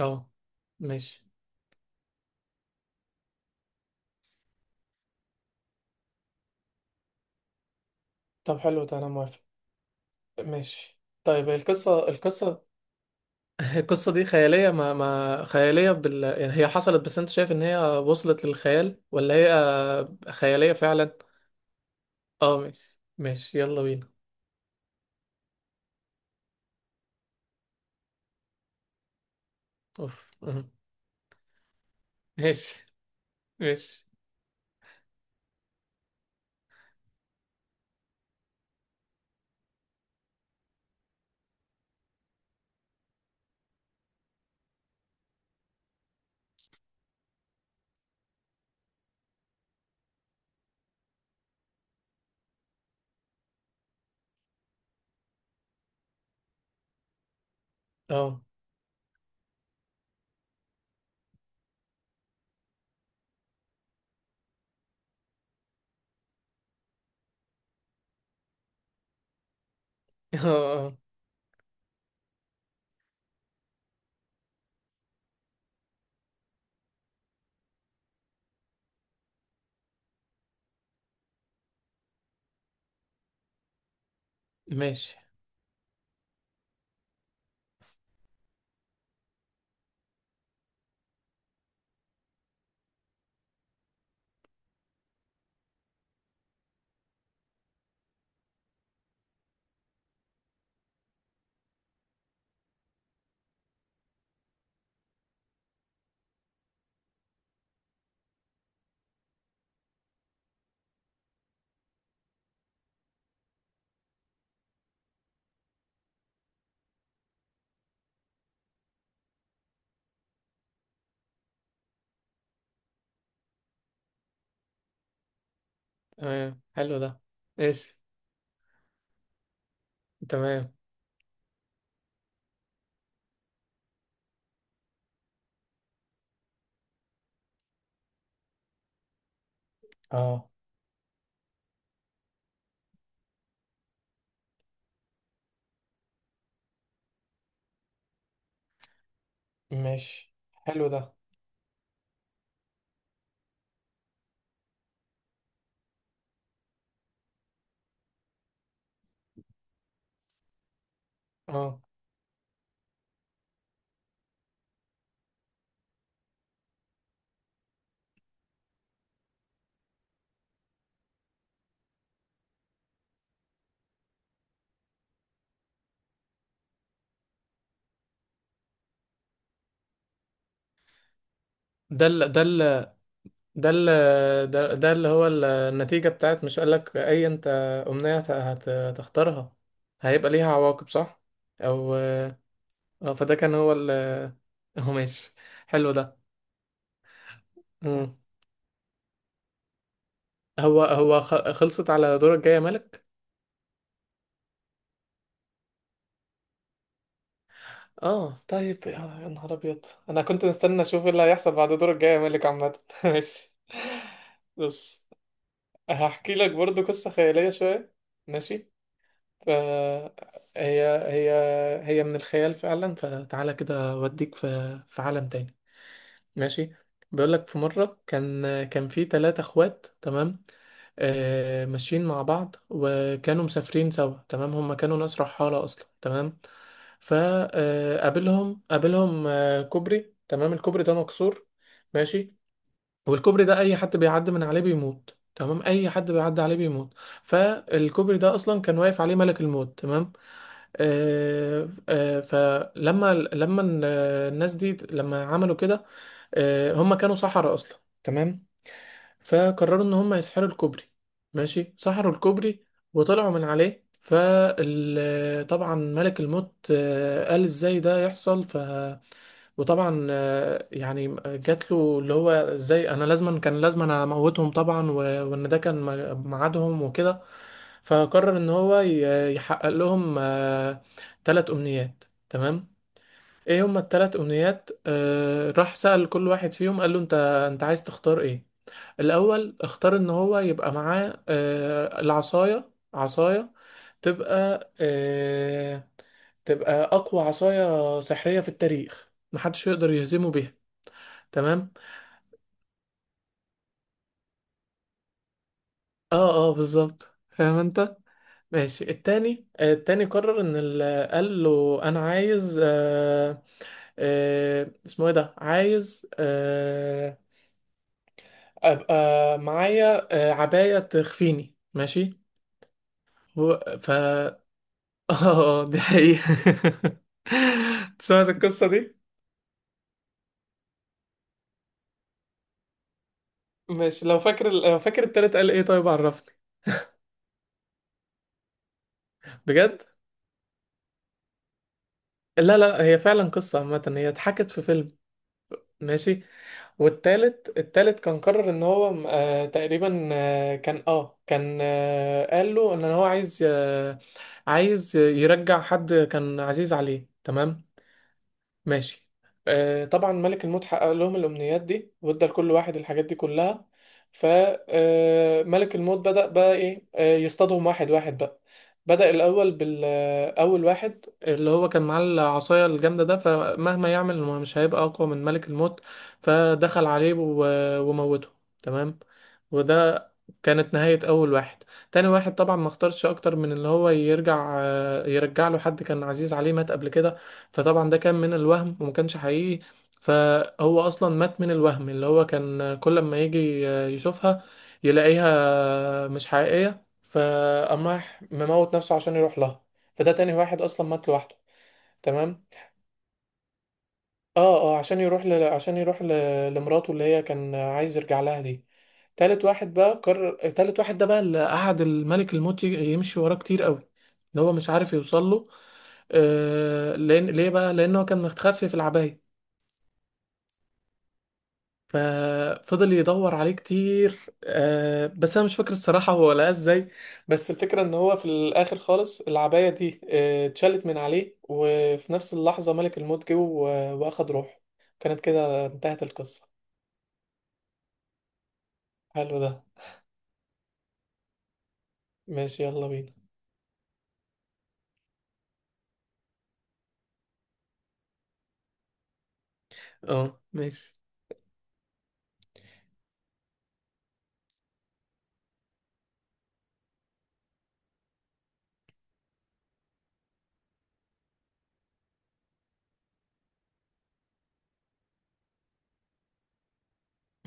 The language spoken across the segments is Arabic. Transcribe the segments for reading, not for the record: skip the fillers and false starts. اه. ماشي. طب حلو ده، انا موافق. ماشي طيب، القصة القصة دي خيالية، ما خيالية بال يعني، هي حصلت بس انت شايف ان هي وصلت للخيال ولا هي خيالية فعلا؟ اه ماشي يلا بينا. اوف أه. ماشي ماشي اه. اه. آه. ماشي. تمام حلو ده. ماشي. تمام. اه ماشي، حلو ده. اه، ده ال ده ال ده اللي ده اللي هو ال- النتيجة بتاعت، مش قالك أي أنت أمنية هتختارها هيبقى ليها عواقب، صح؟ أو أه، فده كان هو ال- هو ماشي، حلو ده. مم. هو خلصت على دورك الجاي يا مالك؟ اه طيب، يا نهار أبيض، أنا كنت مستني أشوف إيه اللي هيحصل بعد دورك الجاي يا مالك عامة. ماشي. بص، هحكي لك برضو قصة خيالية شوية، ماشي؟ فهي هي هي من الخيال فعلا، فتعالى كده اوديك في عالم تاني. ماشي. بيقولك في مرة كان في ثلاثة اخوات، تمام. آه، ماشيين مع بعض وكانوا مسافرين سوا، تمام. هما كانوا ناس رحالة أصلا، تمام. فقابلهم قابلهم، آه، كوبري، تمام. الكوبري ده مكسور، ماشي. والكوبري ده اي حد بيعدي من عليه بيموت، تمام، اي حد بيعدي عليه بيموت. فالكوبري ده اصلا كان واقف عليه ملك الموت، تمام. آه لما ال- الناس دي لما عملوا كده، آه هم كانوا سحرة اصلا، تمام. فقرروا ان هم يسحروا الكوبري. ماشي، سحروا الكوبري وطلعوا من عليه. فطبعا ملك الموت آه قال ازاي ده يحصل، وطبعا آه، يعني جات له اللي هو ازاي، انا لازما اموتهم طبعا، وان ده كان ميعادهم وكده. فقرر ان هو يحقق لهم ثلاث امنيات، تمام. ايه هما الثلاث امنيات؟ آه، راح سأل كل واحد فيهم، قال له انت عايز تختار ايه؟ الأول اختار إن هو يبقى معاه آه، عصاية تبقى آه، تبقى أقوى عصاية سحرية في التاريخ، محدش يقدر يهزمه بيها. تمام. اه بالظبط، فاهم انت. ماشي. التاني، آه، التاني قرر ان ال- قال له انا عايز آه، آه اسمه ايه ده، عايز آه ابقى معايا آه عباية تخفيني. ماشي. هو- ف اه دي حقيقة. سمعت القصة دي؟ ماشي، لو فاكر التالت قال ايه، طيب عرفني. بجد؟ لا، هي فعلا قصة عامة، هي اتحكت في فيلم. ماشي. والتالت، كان قرر ان هو آه تقريبا آه كان آه، قال له ان هو عايز آه، عايز يرجع حد كان عزيز عليه، تمام. ماشي. آه طبعا ملك الموت حقق لهم الأمنيات دي، وادى لكل واحد الحاجات دي كلها. فملك الموت بدأ بقى إيه آه يصطادهم، واحد واحد بقى. بدأ بالأول واحد اللي هو كان معاه العصاية الجامدة ده، فمهما يعمل هو مش هيبقى أقوى من ملك الموت. فدخل عليه وموته. تمام. وده كانت نهاية أول واحد. تاني واحد طبعا ما اختارش أكتر من اللي هو يرجع، آه، يرجع له حد كان عزيز عليه مات قبل كده. فطبعا ده كان من الوهم وما كانش حقيقي، فهو اصلا مات من الوهم، اللي هو كان كل ما يجي يشوفها يلاقيها مش حقيقية، فقام راح مموت نفسه عشان يروح لها. فده تاني واحد اصلا مات لوحده. تمام. اه عشان يروح ل لمراته اللي هي كان عايز يرجع لها دي. تالت واحد بقى، قرر تالت واحد ده بقى، اللي قعد الملك الموت يمشي وراه كتير قوي اللي هو مش عارف يوصل له، آه، لأن، ليه بقى؟ لانه كان متخفي في العباية. ففضل يدور عليه كتير، آه، بس انا مش فاكر الصراحه هو لقاه ازاي. بس الفكره ان هو في الاخر خالص العبايه دي آه، اتشالت من عليه، وفي نفس اللحظه ملك الموت جه واخد روحه. كانت كده انتهت القصه. حلو ده. ماشي، يلا بينا. اه ماشي.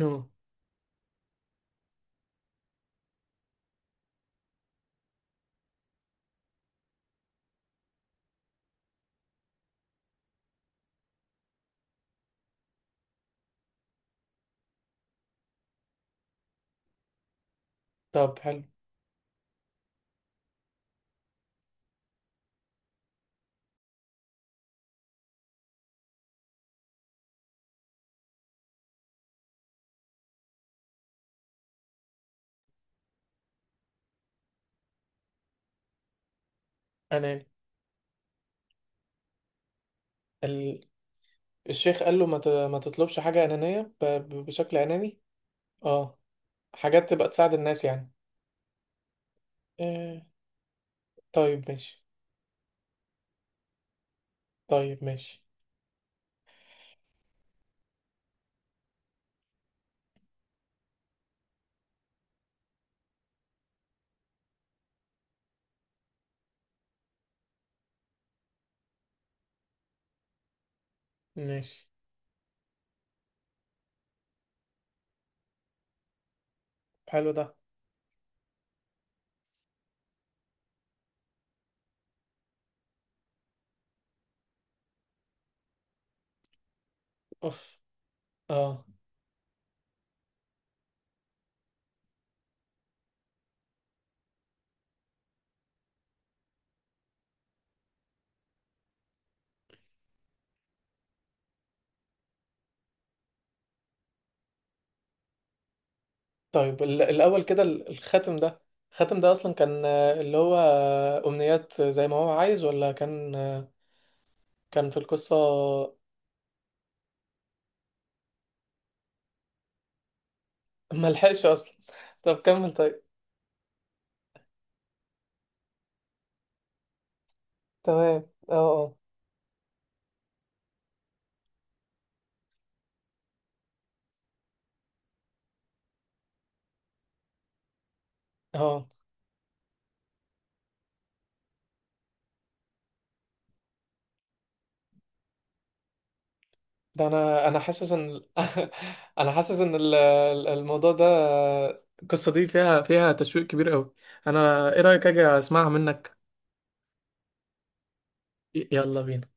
اه طب حلو. اناني؟ ال- الشيخ قال له ما تطلبش حاجه انانيه بشكل اناني. اه، حاجات تبقى تساعد الناس يعني. آه. طيب ماشي. طيب ماشي. ماشي، حلو ده. اوف. اه طيب، ال- الاول كده ال- الخاتم ده، الخاتم ده اصلا كان آه، اللي هو آه، امنيات زي ما هو عايز، ولا كان آه، كان في القصة؟ ملحقش اصلا. طب كمل طيب. تمام. اه اه اه ده انا حاسس ان ال- انا حاسس ان الموضوع ده آه، القصة دي فيها تشويق كبير قوي. انا ايه رأيك اجي اسمعها منك؟ يلا بينا.